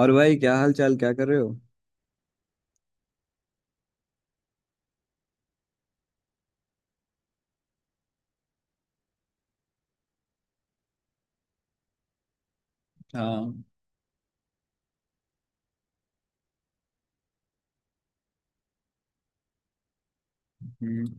और भाई, क्या हाल चाल? क्या कर रहे हो? हाँ। हम्म।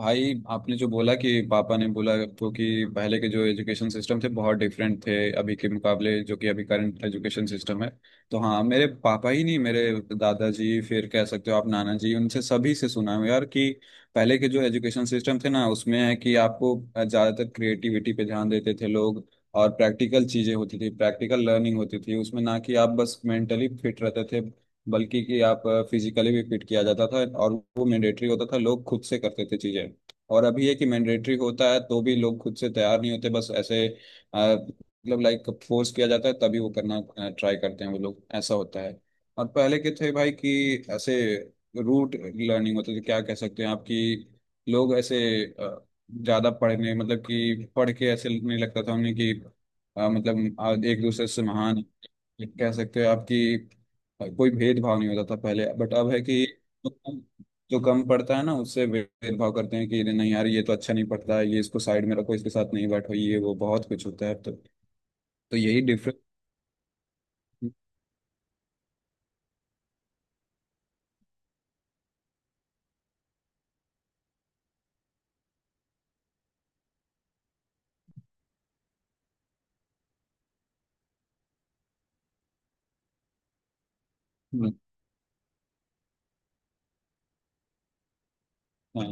भाई, आपने जो बोला कि पापा ने बोला आपको कि पहले के जो एजुकेशन सिस्टम थे बहुत डिफरेंट थे अभी के मुकाबले, जो कि अभी करंट एजुकेशन सिस्टम है। तो हाँ, मेरे पापा ही नहीं, मेरे दादाजी, फिर कह सकते हो आप नाना जी, उनसे सभी से सुना है यार कि पहले के जो एजुकेशन सिस्टम थे ना, उसमें है कि आपको ज़्यादातर क्रिएटिविटी पे ध्यान देते थे लोग। और प्रैक्टिकल चीज़ें होती थी, प्रैक्टिकल लर्निंग होती थी उसमें। ना कि आप बस मेंटली फिट रहते थे, बल्कि कि आप फिजिकली भी फिट किया जाता था। और वो मैंडेटरी होता था, लोग खुद से करते थे चीजें। और अभी है कि मैंडेटरी होता है तो भी लोग खुद से तैयार नहीं होते, बस ऐसे मतलब लाइक फोर्स किया जाता है तभी वो करना ट्राई करते हैं वो लोग, ऐसा होता है। और पहले के थे भाई कि ऐसे रूट लर्निंग होती थी, क्या कह सकते हैं आपकी। लोग ऐसे अ, ज्यादा पढ़ने, मतलब कि पढ़ के ऐसे नहीं लगता था उन्हें कि मतलब एक दूसरे से महान कह सकते हो आपकी। कोई भेदभाव नहीं होता था पहले, बट अब है कि जो कम जो कम पढ़ता है ना, उससे भेदभाव करते हैं कि नहीं यार, ये तो अच्छा नहीं पढ़ता है, ये इसको साइड में रखो, इसके साथ नहीं बैठो, ये वो बहुत कुछ होता है अब तो। तो यही डिफरेंस। हाँ।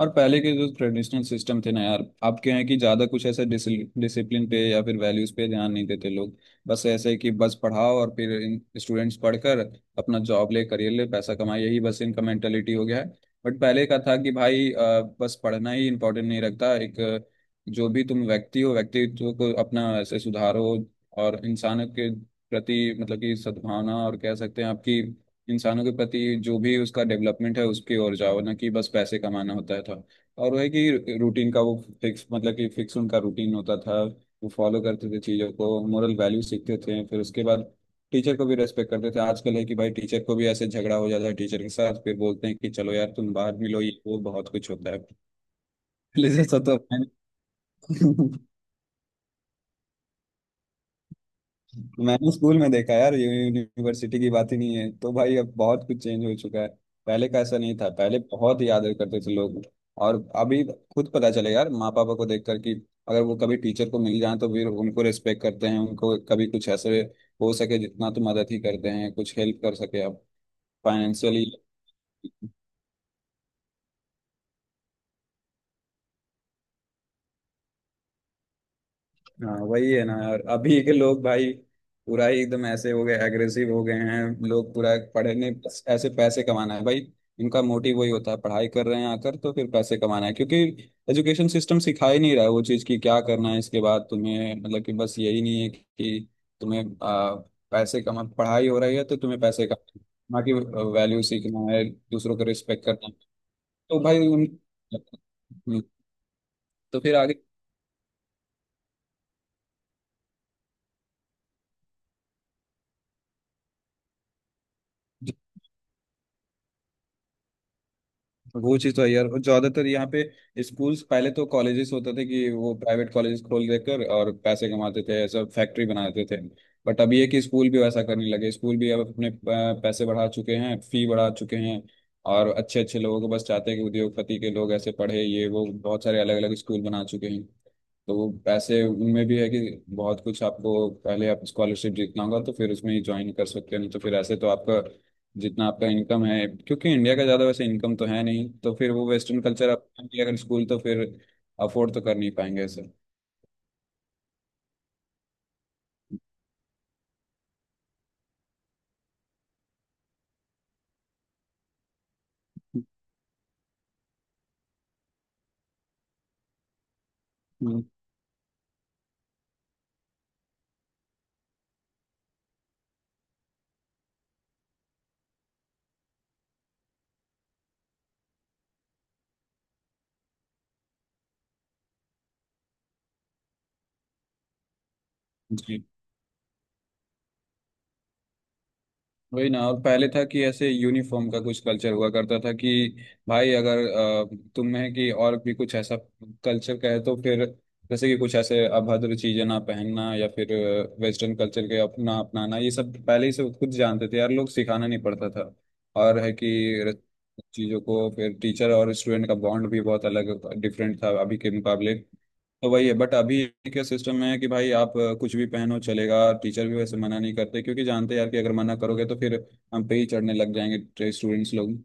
और पहले के जो ट्रेडिशनल सिस्टम थे ना यार, आपके यहाँ की ज्यादा कुछ ऐसे डिसिप्लिन पे या फिर वैल्यूज पे ध्यान नहीं देते लोग। बस ऐसे कि बस पढ़ाओ और फिर स्टूडेंट्स पढ़कर अपना जॉब ले, करियर ले, पैसा कमाए, यही बस इनका मेंटेलिटी हो गया है। बट पहले का था कि भाई बस पढ़ना ही इम्पोर्टेंट नहीं रखता, एक जो भी तुम व्यक्ति हो, व्यक्तित्व को अपना ऐसे सुधारो और इंसानों के प्रति, मतलब कि सद्भावना और कह सकते हैं आपकी, इंसानों के प्रति जो भी उसका डेवलपमेंट है उसकी ओर जाओ, ना कि बस पैसे कमाना होता था। और वह है कि रूटीन का वो फिक्स, मतलब कि फिक्स उनका रूटीन होता था। वो फॉलो करते थे चीज़ों को, मोरल वैल्यू सीखते थे, फिर उसके बाद टीचर को भी रेस्पेक्ट करते थे। आजकल है कि भाई टीचर को भी ऐसे झगड़ा हो जाता है, टीचर के साथ फिर बोलते हैं कि चलो यार तुम बाहर मिलो, ये वो बहुत कुछ होता है। जैसा तो है। नहीं। मैंने स्कूल में देखा यार, यूनिवर्सिटी की बात ही नहीं है, तो भाई अब बहुत कुछ चेंज हो चुका है। पहले का ऐसा नहीं था, पहले बहुत याद करते थे लोग। और अभी खुद पता चलेगा यार, माँ पापा को देख कर कि अगर वो कभी टीचर को मिल जाए तो फिर उनको रिस्पेक्ट करते हैं, उनको कभी कुछ ऐसे हो सके जितना तो मदद ही करते हैं, कुछ हेल्प कर सके आप फाइनेंशियली। हाँ वही है ना यार, अभी के लोग भाई पूरा ही एकदम ऐसे हो गए, एग्रेसिव हो गए हैं लोग पूरा। पढ़ने ऐसे पैसे कमाना है भाई, इनका मोटिव वही होता है, पढ़ाई कर रहे हैं आकर तो फिर पैसे कमाना है। क्योंकि एजुकेशन सिस्टम सिखा ही नहीं रहा है वो चीज़ कि क्या करना है इसके बाद तुम्हें, मतलब कि बस यही नहीं है कि तुम्हें पैसे कमा, पढ़ाई हो रही है तो तुम्हें पैसे कमा, ना कि वैल्यू सीखना है, दूसरों को रिस्पेक्ट करना है। तो भाई उन। हम्म। तो फिर आगे वो चीज तो है यार। और ज्यादातर यहाँ पे स्कूल्स, पहले तो कॉलेजेस होते थे कि वो प्राइवेट कॉलेजेस खोल देकर और पैसे कमाते थे, ऐसा फैक्ट्री बना देते थे। बट अब ये कि स्कूल भी वैसा करने लगे, स्कूल भी अब अपने पैसे बढ़ा चुके हैं, फी बढ़ा चुके हैं। और अच्छे अच्छे लोगों को बस चाहते हैं कि उद्योगपति के लोग ऐसे पढ़े, ये वो बहुत सारे अलग अलग स्कूल बना चुके हैं। तो वो पैसे उनमें भी है कि बहुत कुछ आपको, पहले आप स्कॉलरशिप जीतना होगा तो फिर उसमें ही ज्वाइन कर सकते हैं, नहीं तो फिर ऐसे तो आपका जितना आपका इनकम है, क्योंकि इंडिया का ज़्यादा वैसे इनकम तो है नहीं, तो फिर वो वेस्टर्न कल्चर, आप अगर स्कूल तो फिर अफोर्ड तो कर नहीं पाएंगे सर। हम्म। जी। वही ना, और पहले था कि ऐसे यूनिफॉर्म का कुछ कल्चर हुआ करता था कि भाई अगर तुम्हें कि और भी कुछ ऐसा कल्चर का है तो फिर जैसे कि कुछ ऐसे अभद्र चीजें ना पहनना या फिर वेस्टर्न कल्चर के अपना अपनाना, ये सब पहले ही से खुद जानते थे यार लोग, सिखाना नहीं पड़ता था। और है कि चीजों को फिर टीचर और स्टूडेंट का बॉन्ड भी बहुत अलग, डिफरेंट था अभी के मुकाबले। तो वही है, बट अभी के सिस्टम में है कि भाई आप कुछ भी पहनो चलेगा, टीचर भी वैसे मना नहीं करते क्योंकि जानते हैं यार कि अगर मना करोगे तो फिर हम पे ही चढ़ने लग जाएंगे स्टूडेंट्स लोग।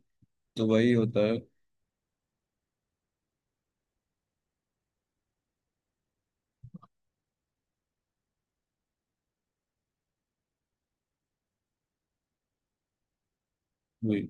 तो वही होता है। वही।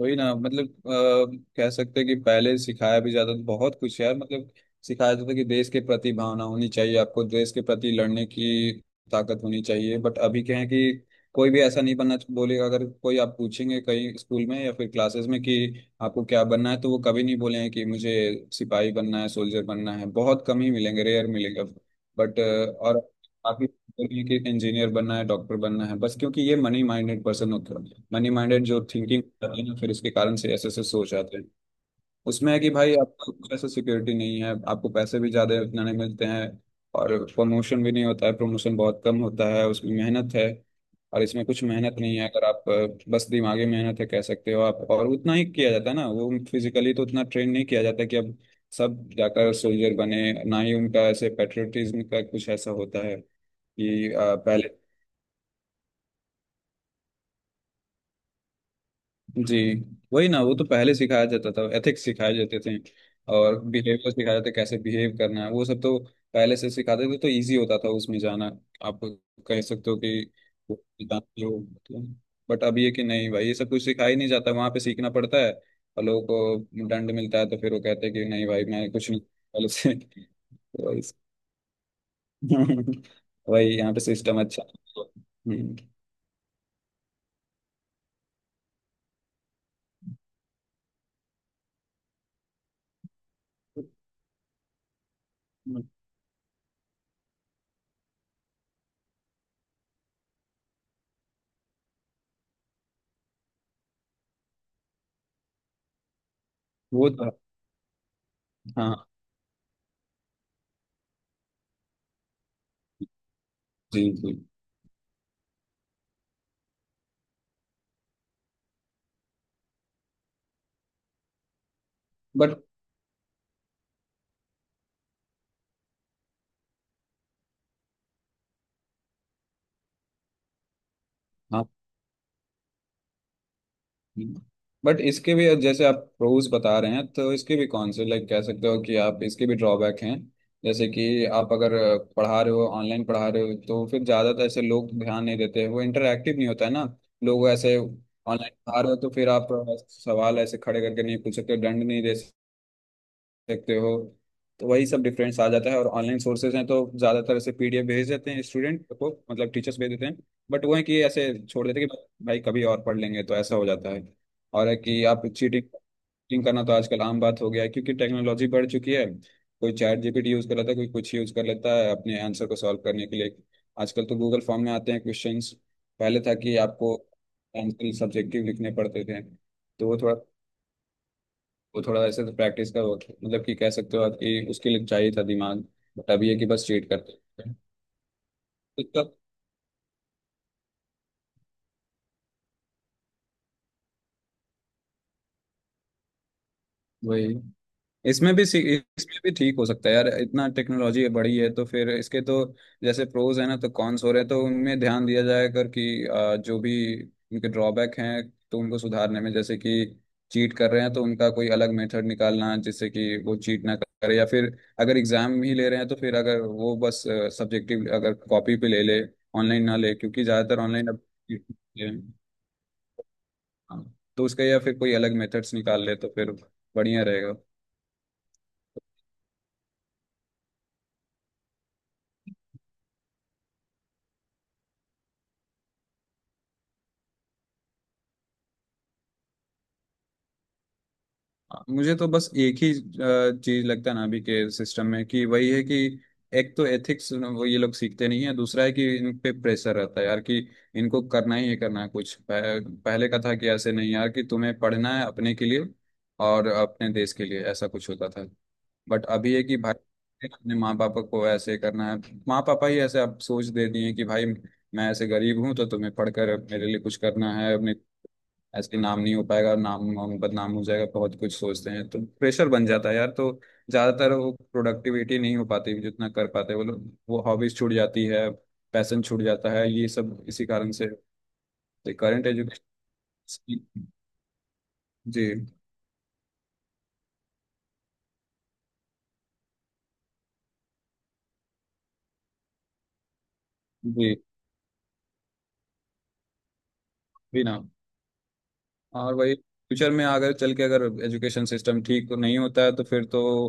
वही ना, मतलब कह सकते हैं कि पहले सिखाया भी जाता था बहुत कुछ यार, मतलब सिखाया जाता था कि देश के प्रति भावना होनी चाहिए आपको, देश के प्रति लड़ने की ताकत होनी चाहिए। बट अभी क्या है कि कोई भी ऐसा नहीं बनना बोलेगा, अगर कोई आप पूछेंगे कहीं स्कूल में या फिर क्लासेस में कि आपको क्या बनना है तो वो कभी नहीं बोलेंगे कि मुझे सिपाही बनना है, सोल्जर बनना है, बहुत कम ही मिलेंगे, रेयर मिलेगा। बट और काफी नहीं कि इंजीनियर बनना है, डॉक्टर बनना है बस, क्योंकि ये मनी माइंडेड पर्सन होते हैं, मनी माइंडेड जो थिंकिंग होती है ना, फिर इसके कारण से ऐसे ऐसे सोच आते हैं। उसमें है कि भाई आपको कुछ ऐसा सिक्योरिटी नहीं है, आपको पैसे भी ज़्यादा इतना नहीं मिलते हैं और प्रमोशन भी नहीं होता है, प्रमोशन बहुत कम होता है, उसमें मेहनत है। और इसमें कुछ मेहनत नहीं है अगर आप, बस दिमागी मेहनत है कह सकते हो आप, और उतना ही किया जाता है ना, वो फिजिकली तो उतना ट्रेन नहीं किया जाता कि अब सब जाकर सोल्जर बने, ना ही उनका ऐसे पेट्रियटिज्म का कुछ ऐसा होता है कि पहले। जी। वही ना, वो तो पहले सिखाया जाता था, एथिक्स सिखाए जाते थे और बिहेवियर सिखाया जाता था, कैसे बिहेव करना है वो सब तो पहले से सिखाते थे तो इजी होता था उसमें जाना। आप कह सकते हो कि वो जानते हो, बट अब ये कि नहीं भाई ये सब कुछ सिखाया ही नहीं जाता, वहां पे सीखना पड़ता है और लोगों को दंड मिलता है तो फिर वो कहते हैं कि नहीं भाई मैं कुछ नहीं, पहले से तो। वही। वही यहाँ पे सिस्टम अच्छा है। हम्म। वो तो है। हाँ जी। जी। बट हाँ, बट इसके भी जैसे आप प्रोज बता रहे हैं तो इसके भी कौन से, लाइक कह सकते हो कि आप, इसके भी ड्रॉबैक हैं। जैसे कि आप अगर पढ़ा रहे हो, ऑनलाइन पढ़ा रहे हो तो फिर ज़्यादातर ऐसे लोग ध्यान नहीं देते, वो इंटरेक्टिव नहीं होता है ना। लोग ऐसे ऑनलाइन पढ़ा रहे हो तो फिर आप सवाल ऐसे खड़े करके नहीं पूछ सकते, दंड नहीं दे सकते हो, तो वही सब डिफरेंस आ जाता है। और ऑनलाइन सोर्सेज हैं तो ज़्यादातर ऐसे पीडीएफ भेज देते हैं स्टूडेंट को, मतलब टीचर्स भेज देते हैं। बट वो है कि ऐसे छोड़ देते हैं कि भाई कभी और पढ़ लेंगे, तो ऐसा हो जाता है। और है कि आप चीटिंग चीटिंग करना तो आजकल आम बात हो गया है क्योंकि टेक्नोलॉजी बढ़ चुकी है। कोई चैट जीपीटी यूज़ कर लेता है, कोई कुछ यूज़ कर लेता है अपने आंसर को सॉल्व करने के लिए। आजकल तो गूगल फॉर्म में आते हैं क्वेश्चंस। पहले था कि आपको आंसर सब्जेक्टिव लिखने पड़ते थे, तो वो थोड़ा, वो थोड़ा ऐसे तो प्रैक्टिस का वर्क, मतलब कि कह सकते हो आप कि उसके लिए चाहिए था दिमाग। बट अभी है कि बस चीट करते हैं। तो तब। वही। इसमें भी सी- इसमें भी ठीक हो सकता है यार, इतना टेक्नोलॉजी बढ़ी है तो फिर इसके तो जैसे प्रोज है ना, तो कॉन्स हो रहे हैं तो उनमें ध्यान दिया जाए कर कि जो भी उनके ड्रॉबैक हैं तो उनको सुधारने में, जैसे कि चीट कर रहे हैं तो उनका कोई अलग मेथड निकालना जिससे कि वो चीट ना करे, या फिर अगर एग्जाम ही ले रहे हैं तो फिर अगर वो बस सब्जेक्टिव अगर कॉपी पे ले ले, ऑनलाइन ना ले क्योंकि ज़्यादातर ऑनलाइन अब cheat होते हैं। हाँ, तो उसका या फिर कोई अलग मेथड्स निकाल ले तो फिर बढ़िया रहेगा। मुझे तो बस एक ही चीज लगता है ना अभी के सिस्टम में कि वही है कि एक तो एथिक्स वो ये लोग सीखते नहीं है, दूसरा है कि इन पे प्रेशर रहता है यार कि इनको करना ही है, करना है कुछ। पहले का था कि ऐसे नहीं यार कि तुम्हें पढ़ना है अपने के लिए और अपने देश के लिए, ऐसा कुछ होता था। बट अभी है कि भाई अपने माँ पापा को ऐसे करना है, माँ पापा ही ऐसे आप सोच दे दिए हैं कि भाई मैं ऐसे गरीब हूँ तो तुम्हें पढ़कर मेरे लिए कुछ करना है, अपने ऐसे नाम नहीं हो पाएगा, नाम हम बदनाम हो जाएगा, बहुत कुछ सोचते हैं तो प्रेशर बन जाता है यार। तो ज़्यादातर वो प्रोडक्टिविटी नहीं हो पाती जितना कर पाते वो लोग, वो हॉबीज छूट जाती है, पैसन छूट जाता है, ये सब इसी कारण से। Current education. जी। जी। जी ना। और वही फ्यूचर में अगर चल के अगर एजुकेशन सिस्टम ठीक नहीं होता है तो फिर तो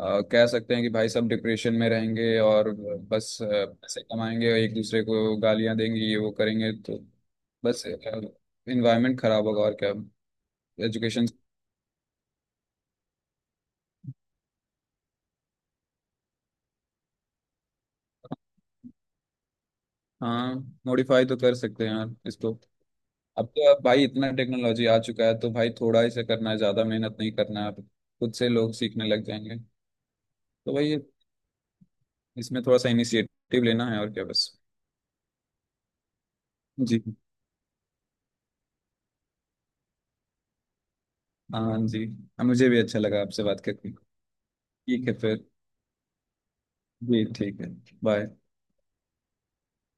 कह सकते हैं कि भाई सब डिप्रेशन में रहेंगे और बस पैसे कमाएंगे, एक दूसरे को गालियां देंगे, ये वो करेंगे, तो बस इन्वायरमेंट खराब होगा, और क्या। एजुकेशन। हाँ मॉडिफाई तो कर सकते हैं यार इसको। अब तो, अब भाई इतना टेक्नोलॉजी आ चुका है तो भाई थोड़ा ही से करना है, ज़्यादा मेहनत नहीं करना है अब, खुद से लोग सीखने लग जाएंगे। तो भाई इसमें थोड़ा सा इनिशिएटिव लेना है, और क्या बस। जी। हाँ जी। हाँ, मुझे भी अच्छा लगा आपसे बात करके। ठीक है फिर। जी ठीक है। बाय।